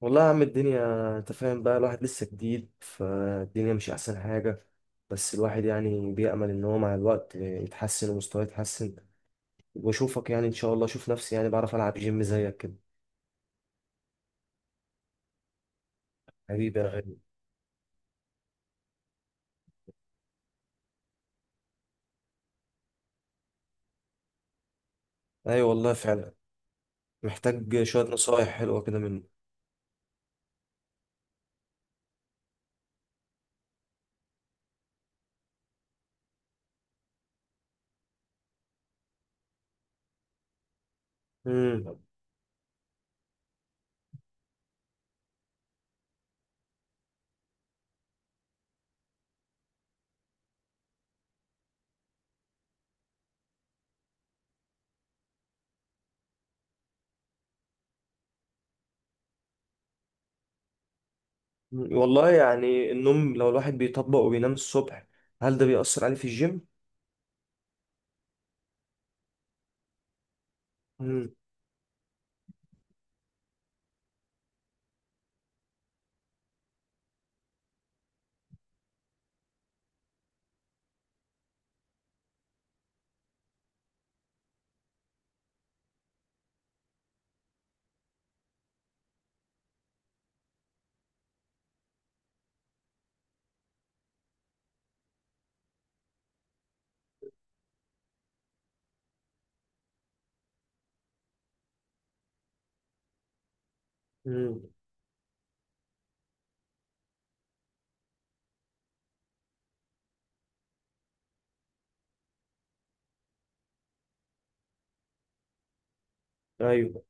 والله يا عم، الدنيا انت فاهم بقى. الواحد لسه جديد فالدنيا، مش احسن حاجة. بس الواحد يعني بيأمل ان هو مع الوقت يتحسن ومستواه يتحسن. واشوفك يعني ان شاء الله اشوف نفسي يعني بعرف العب جيم زيك كده. حبيبي يا غالي. ايوه والله فعلا. محتاج شوية نصايح حلوة كده منه. امم والله يعني النوم لو الواحد بيطبق وبينام الصبح، هل ده بيأثر عليه في الجيم؟ امم. امم. ايوه.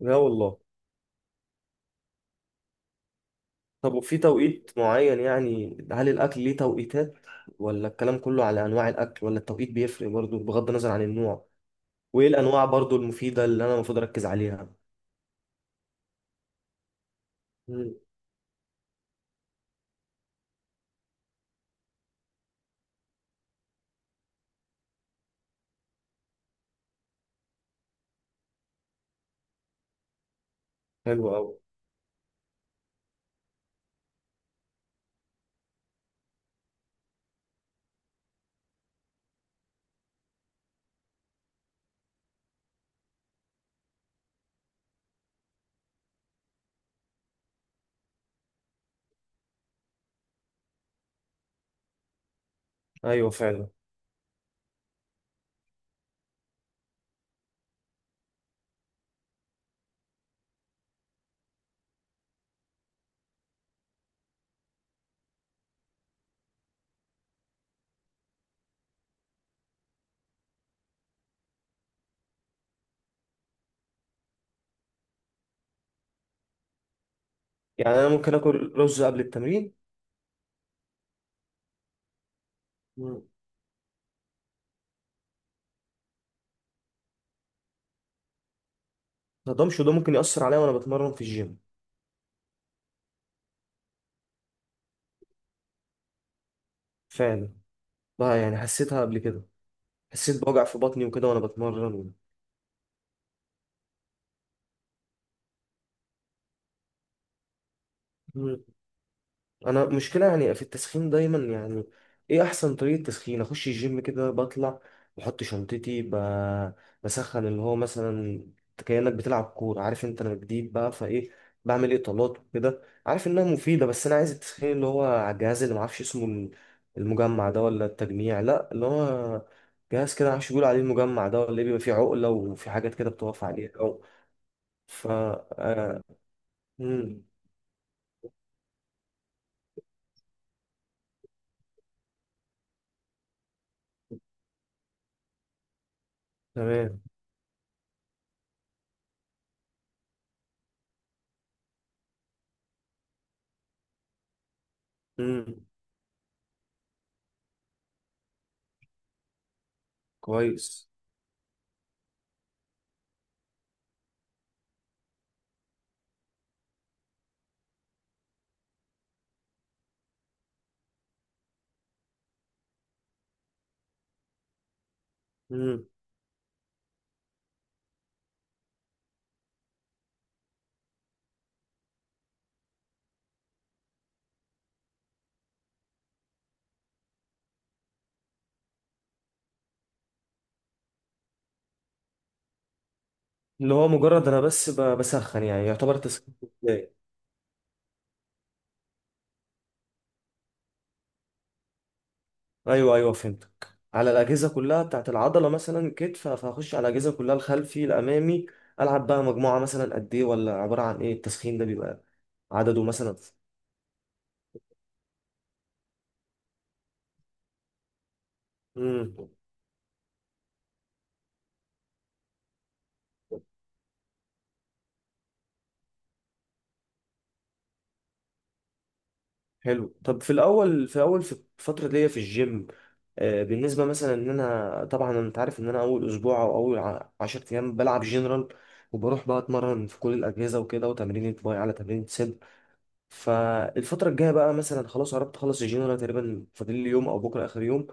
لا والله. طب وفي توقيت معين، يعني هل الأكل ليه توقيتات؟ ولا الكلام كله على أنواع الأكل؟ ولا التوقيت بيفرق برضو بغض النظر عن النوع؟ وإيه الأنواع برضو المفيدة اللي أنا المفروض أركز عليها؟ مم. حلو أوي. أيوه فعلا. يعني أنا ممكن آكل رز قبل التمرين؟ مم. متقدرش، وده ممكن يأثر عليا وأنا بتمرن في الجيم؟ فعلا. بقى يعني حسيتها قبل كده. حسيت بوجع في بطني وكده وأنا بتمرن. مم. انا مشكله يعني في التسخين دايما يعني. ايه احسن طريقه تسخين؟ اخش الجيم كده بطلع بحط شنطتي بسخن، اللي هو مثلا كانك بتلعب كوره، عارف انت انا جديد بقى فايه. بعمل اطالات وكده، عارف انها مفيده، بس انا عايز التسخين اللي هو على الجهاز اللي معرفش اسمه. المجمع ده ولا التجميع، لا اللي هو جهاز كده معرفش بيقول عليه المجمع ده ولا ايه. بيبقى فيه عقله وفي حاجات كده بتقف عليها او ف آه، مم، تمام. مم، كويس. مم. اللي هو مجرد انا بس بسخن يعني يعتبر تسخين؟ بداية. ايوه ايوه فهمتك. على الاجهزه كلها بتاعت العضله، مثلا كتف فهخش على الاجهزه كلها، الخلفي الامامي. العب بقى مجموعه مثلا قد ايه؟ ولا عباره عن ايه التسخين ده؟ بيبقى عدده مثلا؟ امم. حلو. طب في الفتره دي في الجيم، بالنسبه مثلا ان انا، طبعا انت عارف ان انا اول اسبوع او 10 ايام بلعب جنرال، وبروح بقى اتمرن في كل الاجهزه وكده، وتمرين باي على تمرين صدر. فالفترة الجاية بقى مثلا خلاص قربت اخلص الجيم، انا تقريبا فاضل لي يوم او بكرة اخر يوم.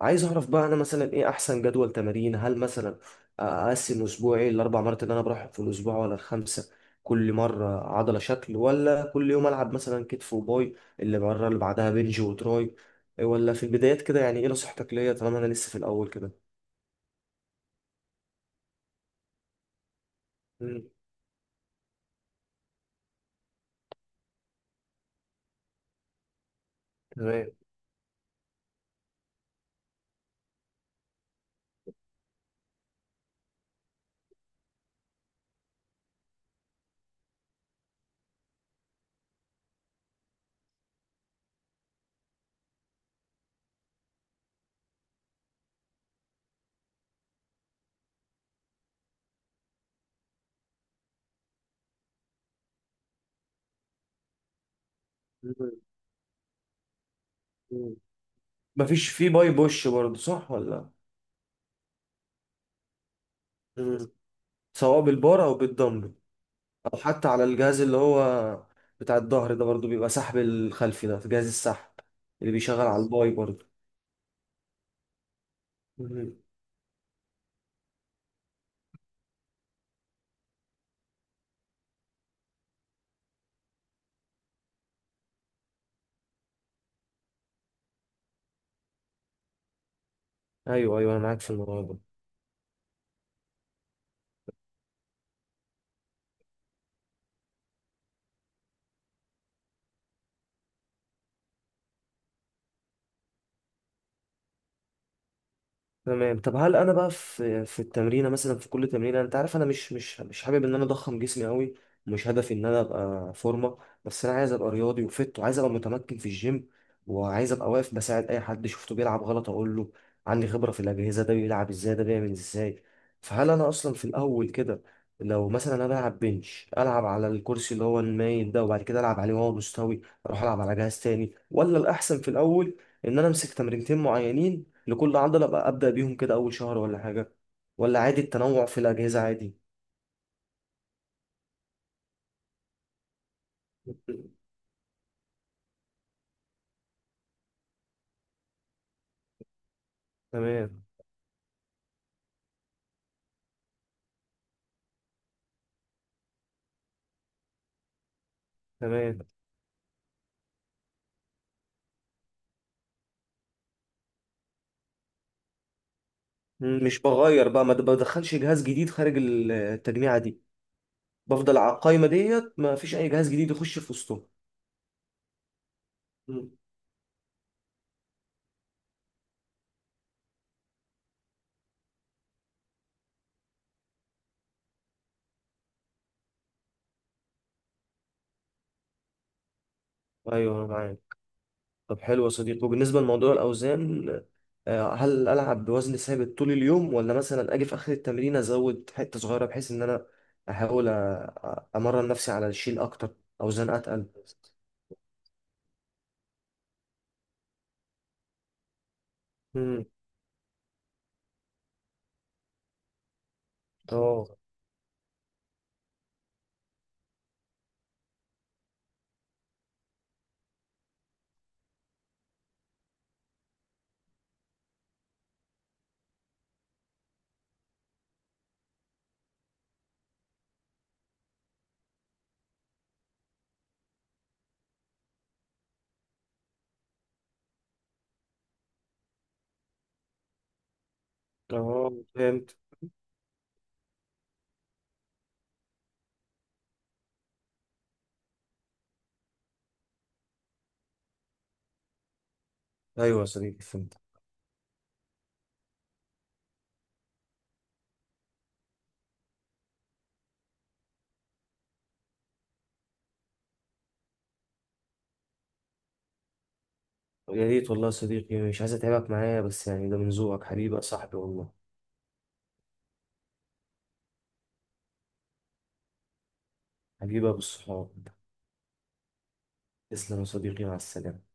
عايز اعرف بقى انا مثلا ايه احسن جدول تمارين؟ هل مثلا اقسم اسبوعي الاربع مرات اللي انا بروحهم في الاسبوع ولا الخمسة؟ كل مرة عضلة شكل، ولا كل يوم العب مثلا كتف وباي، اللي مرة اللي بعدها بنج وتراي؟ ولا في البدايات كده يعني ايه نصيحتك ليا طالما انا لسه في الاول كده؟ مم. تمام. مم. مم. مفيش في باي بوش برضه، صح ولا؟ مم. سواء بالبار او بالدمبل، او حتى على الجهاز اللي هو بتاع الظهر ده، برضو بيبقى سحب الخلفي، ده جهاز السحب اللي بيشغل على الباي برضو. مهم. ايوه ايوه انا معاك في الموضوع ده. تمام. طب هل انا بقى في التمرينه مثلا، في كل تمرينه، انت عارف انا مش حابب ان انا اضخم جسمي قوي. مش هدفي ان انا ابقى فورمه. بس انا عايز ابقى رياضي وفت، وعايز ابقى متمكن في الجيم. وعايز ابقى واقف بساعد اي حد شفته بيلعب غلط اقول له عندي خبره في الاجهزه، ده بيلعب ازاي، ده بيعمل ازاي. فهل انا اصلا في الاول كده لو مثلا انا بلعب بنش، العب على الكرسي اللي هو المايل ده وبعد كده العب عليه وهو مستوي، اروح العب على جهاز تاني؟ ولا الاحسن في الاول ان انا امسك تمرينتين معينين لكل عضلة بقى، أبدأ بيهم كده أول شهر ولا حاجة؟ ولا عادي التنوع في الأجهزة عادي؟ تمام تمام. مش بغير بقى، ما بدخلش جهاز جديد خارج التجميعة دي؟ بفضل على القايمة ديت، ما فيش أي جهاز جديد يخش في وسطهم؟ مم. أيوه أنا معاك. طب حلو يا صديقي. وبالنسبة لموضوع الأوزان، هل ألعب بوزن ثابت طول اليوم ولا مثلا أجي في آخر التمرين أزود حتة صغيرة بحيث إن أنا أحاول أمرن نفسي على الشيل أكتر، أوزان أتقل؟ مم. اه اه فهمت. ايوه يا صديقي فهمت. يا ريت والله يا صديقي، مش عايز اتعبك معايا، بس يعني ده من ذوقك، حبيبي يا صاحبي والله. حبيبي يا ابو الصحاب. تسلم يا صديقي، مع السلامه.